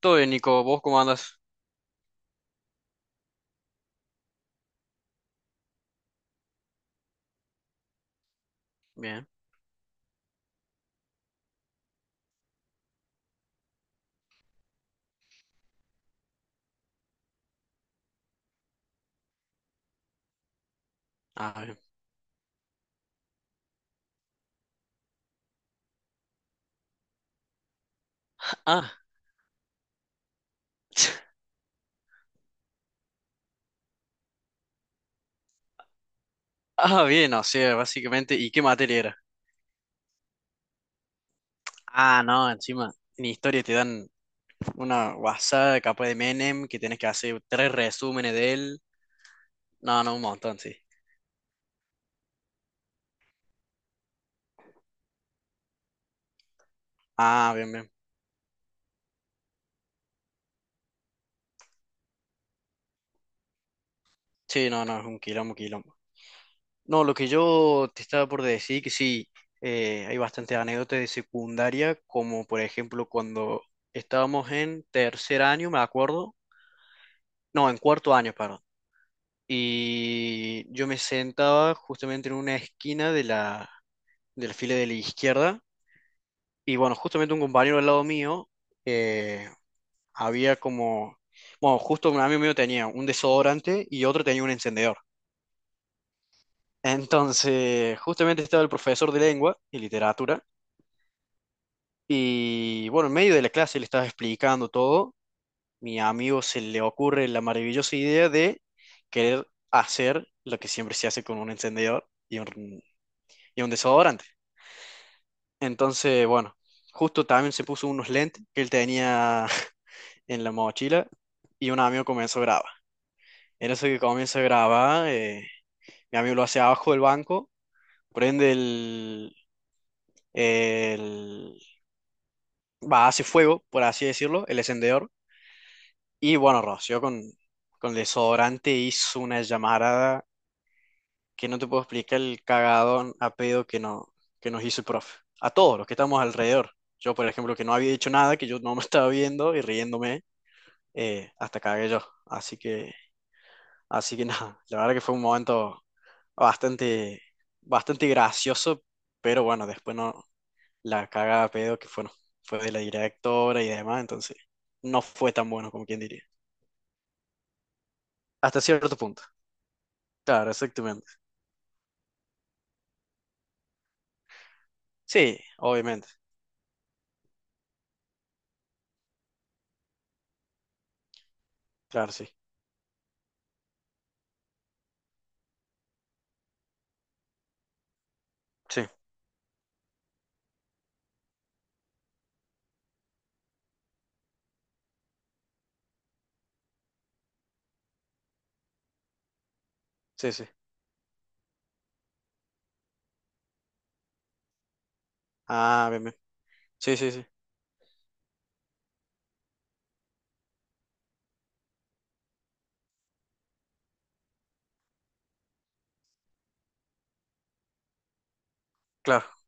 Todo bien, Nico. ¿Vos cómo andas? Bien. Ah, bien. Ah, ah, bien, o sea, básicamente. ¿Y qué materia era? Ah, no, encima. En historia te dan una WhatsApp capaz de Menem que tenés que hacer tres resúmenes de él. No, no, un montón, sí. Ah, bien, bien. Sí, no, no, es un quilombo, quilombo. No, lo que yo te estaba por decir, que sí, hay bastantes anécdotas de secundaria, como por ejemplo cuando estábamos en tercer año, me acuerdo. No, en cuarto año, perdón. Y yo me sentaba justamente en una esquina de la fila de la izquierda. Y bueno, justamente un compañero al lado mío eh, había como, bueno, justo un amigo mío tenía un desodorante y otro tenía un encendedor. Entonces, justamente estaba el profesor de lengua y literatura. Y bueno, en medio de la clase le estaba explicando todo. Mi amigo se le ocurre la maravillosa idea de querer hacer lo que siempre se hace con un encendedor y y un desodorante. Entonces, bueno, justo también se puso unos lentes que él tenía en la mochila y un amigo comenzó a grabar. En eso que comienza a grabar, mi amigo lo hace abajo del banco, prende el, el- va, hace fuego, por así decirlo, el encendedor. Y bueno, roció con desodorante, hizo una llamarada que no te puedo explicar el cagadón a pedo que, no, que nos hizo el profe a todos los que estamos alrededor. Yo, por ejemplo, que no había dicho nada, que yo no me estaba viendo y riéndome. Hasta cagué yo. Así que, así que nada, la verdad que fue un momento bastante, bastante gracioso, pero bueno, después no, la cagada de pedo que fue, no fue de la directora y demás, entonces no fue tan bueno como quien diría. Hasta cierto punto. Claro, exactamente. Sí, obviamente. Claro, sí. Sí, sí, sí. Ah, bien, bien. Sí, sí, sí. Claro,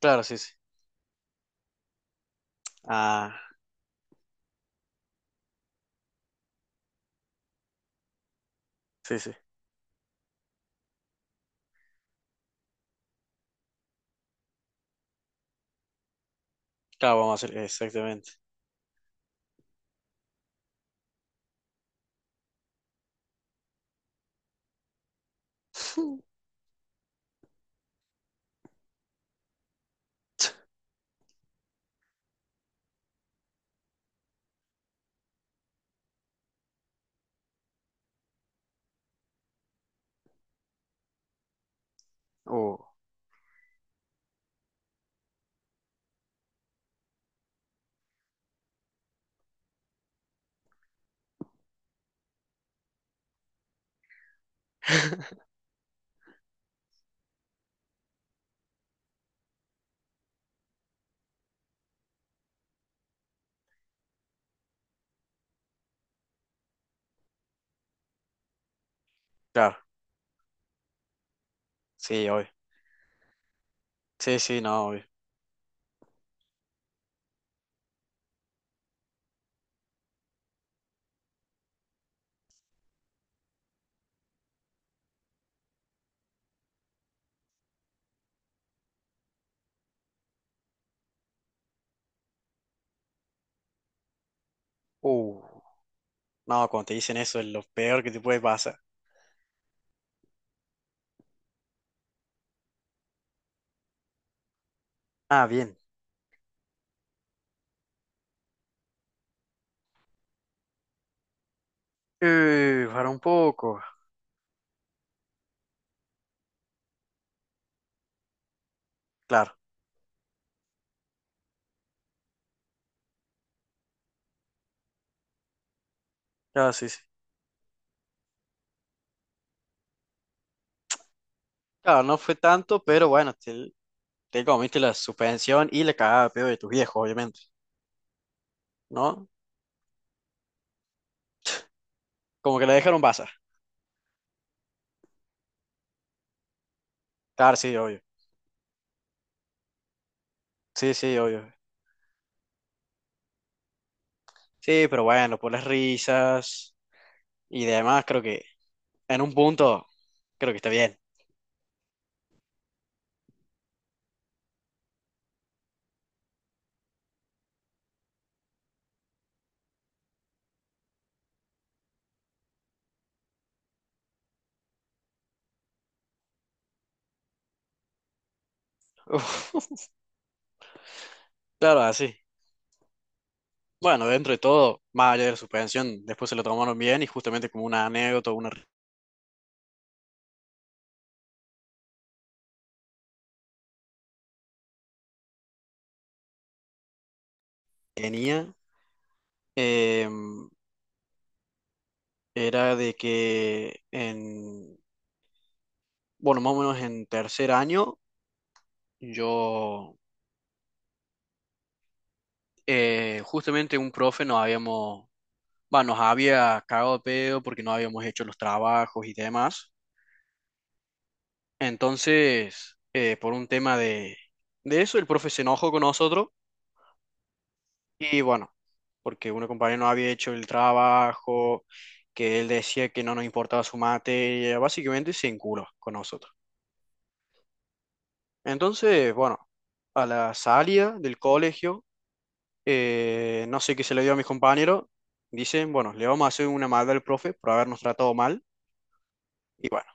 claro, sí, sí. Ah, sí, sí. Claro, vamos a hacer exactamente. Uh, claro, sí, obvio. Sí, sí, no, obvio. Uh, no, cuando te dicen eso es lo peor que te puede pasar. Ah, bien. Para un poco. Claro, claro, sí, sí. Claro, no fue tanto, pero bueno, te, comiste la suspensión y la cagada de pedo de tus viejos, obviamente, ¿no? Como que la dejaron pasar. Claro, sí, obvio. Sí, sí, obvio. Sí, pero bueno, por las risas y demás, creo que en un punto, creo que está bien. Uf, claro, así. Bueno, dentro de todo, más allá de la suspensión, después se lo tomaron bien y justamente como una anécdota, una tenía. em, era de que en, bueno, más o menos en tercer año, yo, justamente un profe nos había cagado de pedo porque no habíamos hecho los trabajos y demás. Entonces, por un tema de, eso, el profe se enojó con nosotros y bueno, porque una compañera no había hecho el trabajo, que él decía que no nos importaba su materia, básicamente se enculó con nosotros. Entonces, bueno, a la salida del colegio, no sé qué se le dio a mis compañeros, dicen, bueno, le vamos a hacer una maldad al profe por habernos tratado mal. Y bueno,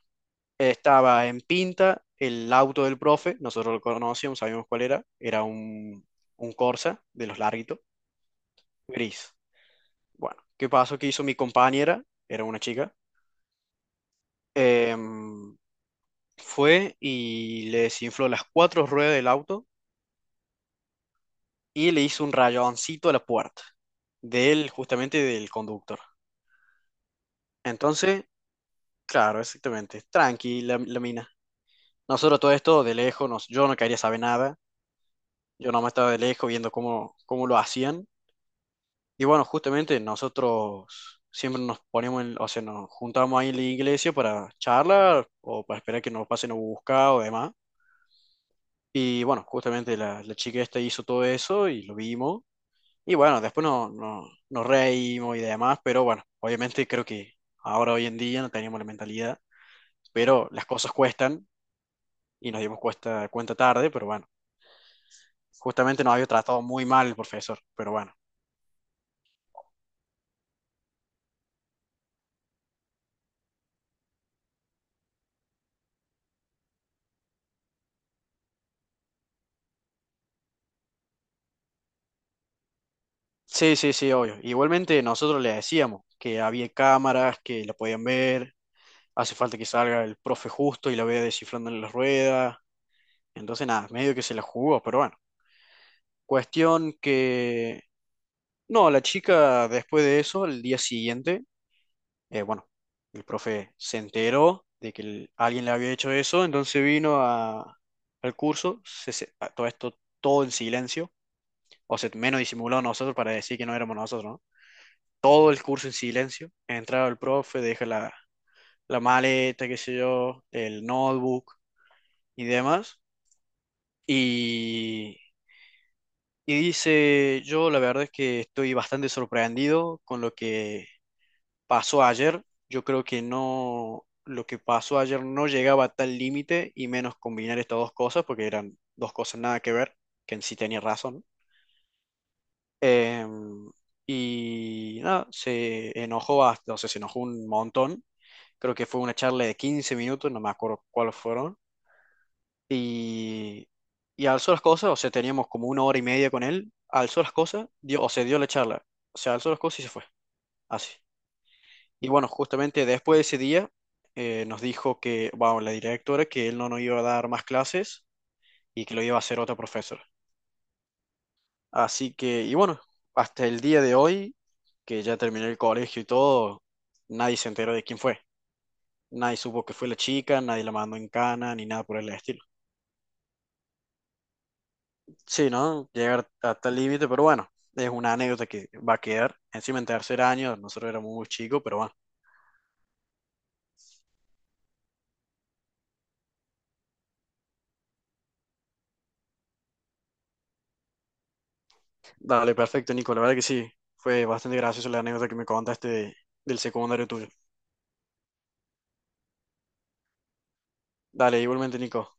estaba en pinta el auto del profe, nosotros lo conocíamos, sabíamos cuál era, era un, Corsa de los larguitos, gris. Bueno, ¿qué pasó? ¿Qué hizo mi compañera? Era una chica. em, fue y le desinfló las cuatro ruedas del auto y le hizo un rayoncito a la puerta del, justamente del conductor. Entonces, claro, exactamente, tranqui la, mina. Nosotros todo esto de lejos, yo no quería saber nada, yo nomás estaba de lejos viendo cómo lo hacían. Y bueno, justamente nosotros siempre nos poníamos, o sea, nos juntábamos ahí en la iglesia para charlar o para esperar que nos pasen a buscar o demás. Y bueno, justamente la chica esta hizo todo eso y lo vimos. Y bueno, después no, no, nos reímos y demás, pero bueno, obviamente creo que ahora hoy en día no teníamos la mentalidad, pero las cosas cuestan y nos dimos cuenta tarde, pero bueno, justamente nos había tratado muy mal el profesor, pero bueno. Sí, sí, sí, obvio. Igualmente nosotros le decíamos que había cámaras, que la podían ver, hace falta que salga el profe justo y la vea descifrando en las ruedas, entonces nada, medio que se la jugó, pero bueno. Cuestión que, no, la chica después de eso, el día siguiente, bueno, el profe se enteró de que alguien le había hecho eso, entonces vino al curso, a todo esto, todo en silencio, o sea, menos disimulado nosotros para decir que no éramos nosotros, ¿no? Todo el curso en silencio, entraba el profe, deja la maleta, qué sé yo, el notebook y demás. Y dice, yo la verdad es que estoy bastante sorprendido con lo que pasó ayer. Yo creo que no, lo que pasó ayer no llegaba a tal límite y menos combinar estas dos cosas porque eran dos cosas nada que ver, que en sí tenía razón. Em, y nada, se enojó hasta, o sea, se enojó un montón. Creo que fue una charla de 15 minutos, no me acuerdo cuáles fueron. Y, y alzó las cosas, o sea, teníamos como una hora y media con él, alzó las cosas, dio, o sea, dio la charla, o sea, alzó las cosas y se fue, así. Y bueno, justamente después de ese día nos dijo que, bueno, la directora, que él no nos iba a dar más clases y que lo iba a hacer otra profesora. Así que, y bueno, hasta el día de hoy, que ya terminé el colegio y todo, nadie se enteró de quién fue. Nadie supo que fue la chica, nadie la mandó en cana, ni nada por el estilo. Sí, ¿no? Llegar hasta el límite, pero bueno, es una anécdota que va a quedar. Encima en tercer año, nosotros éramos muy chicos, pero bueno. Dale, perfecto, Nico. La verdad que sí, fue bastante gracioso la anécdota que me contaste del secundario tuyo. Dale, igualmente, Nico.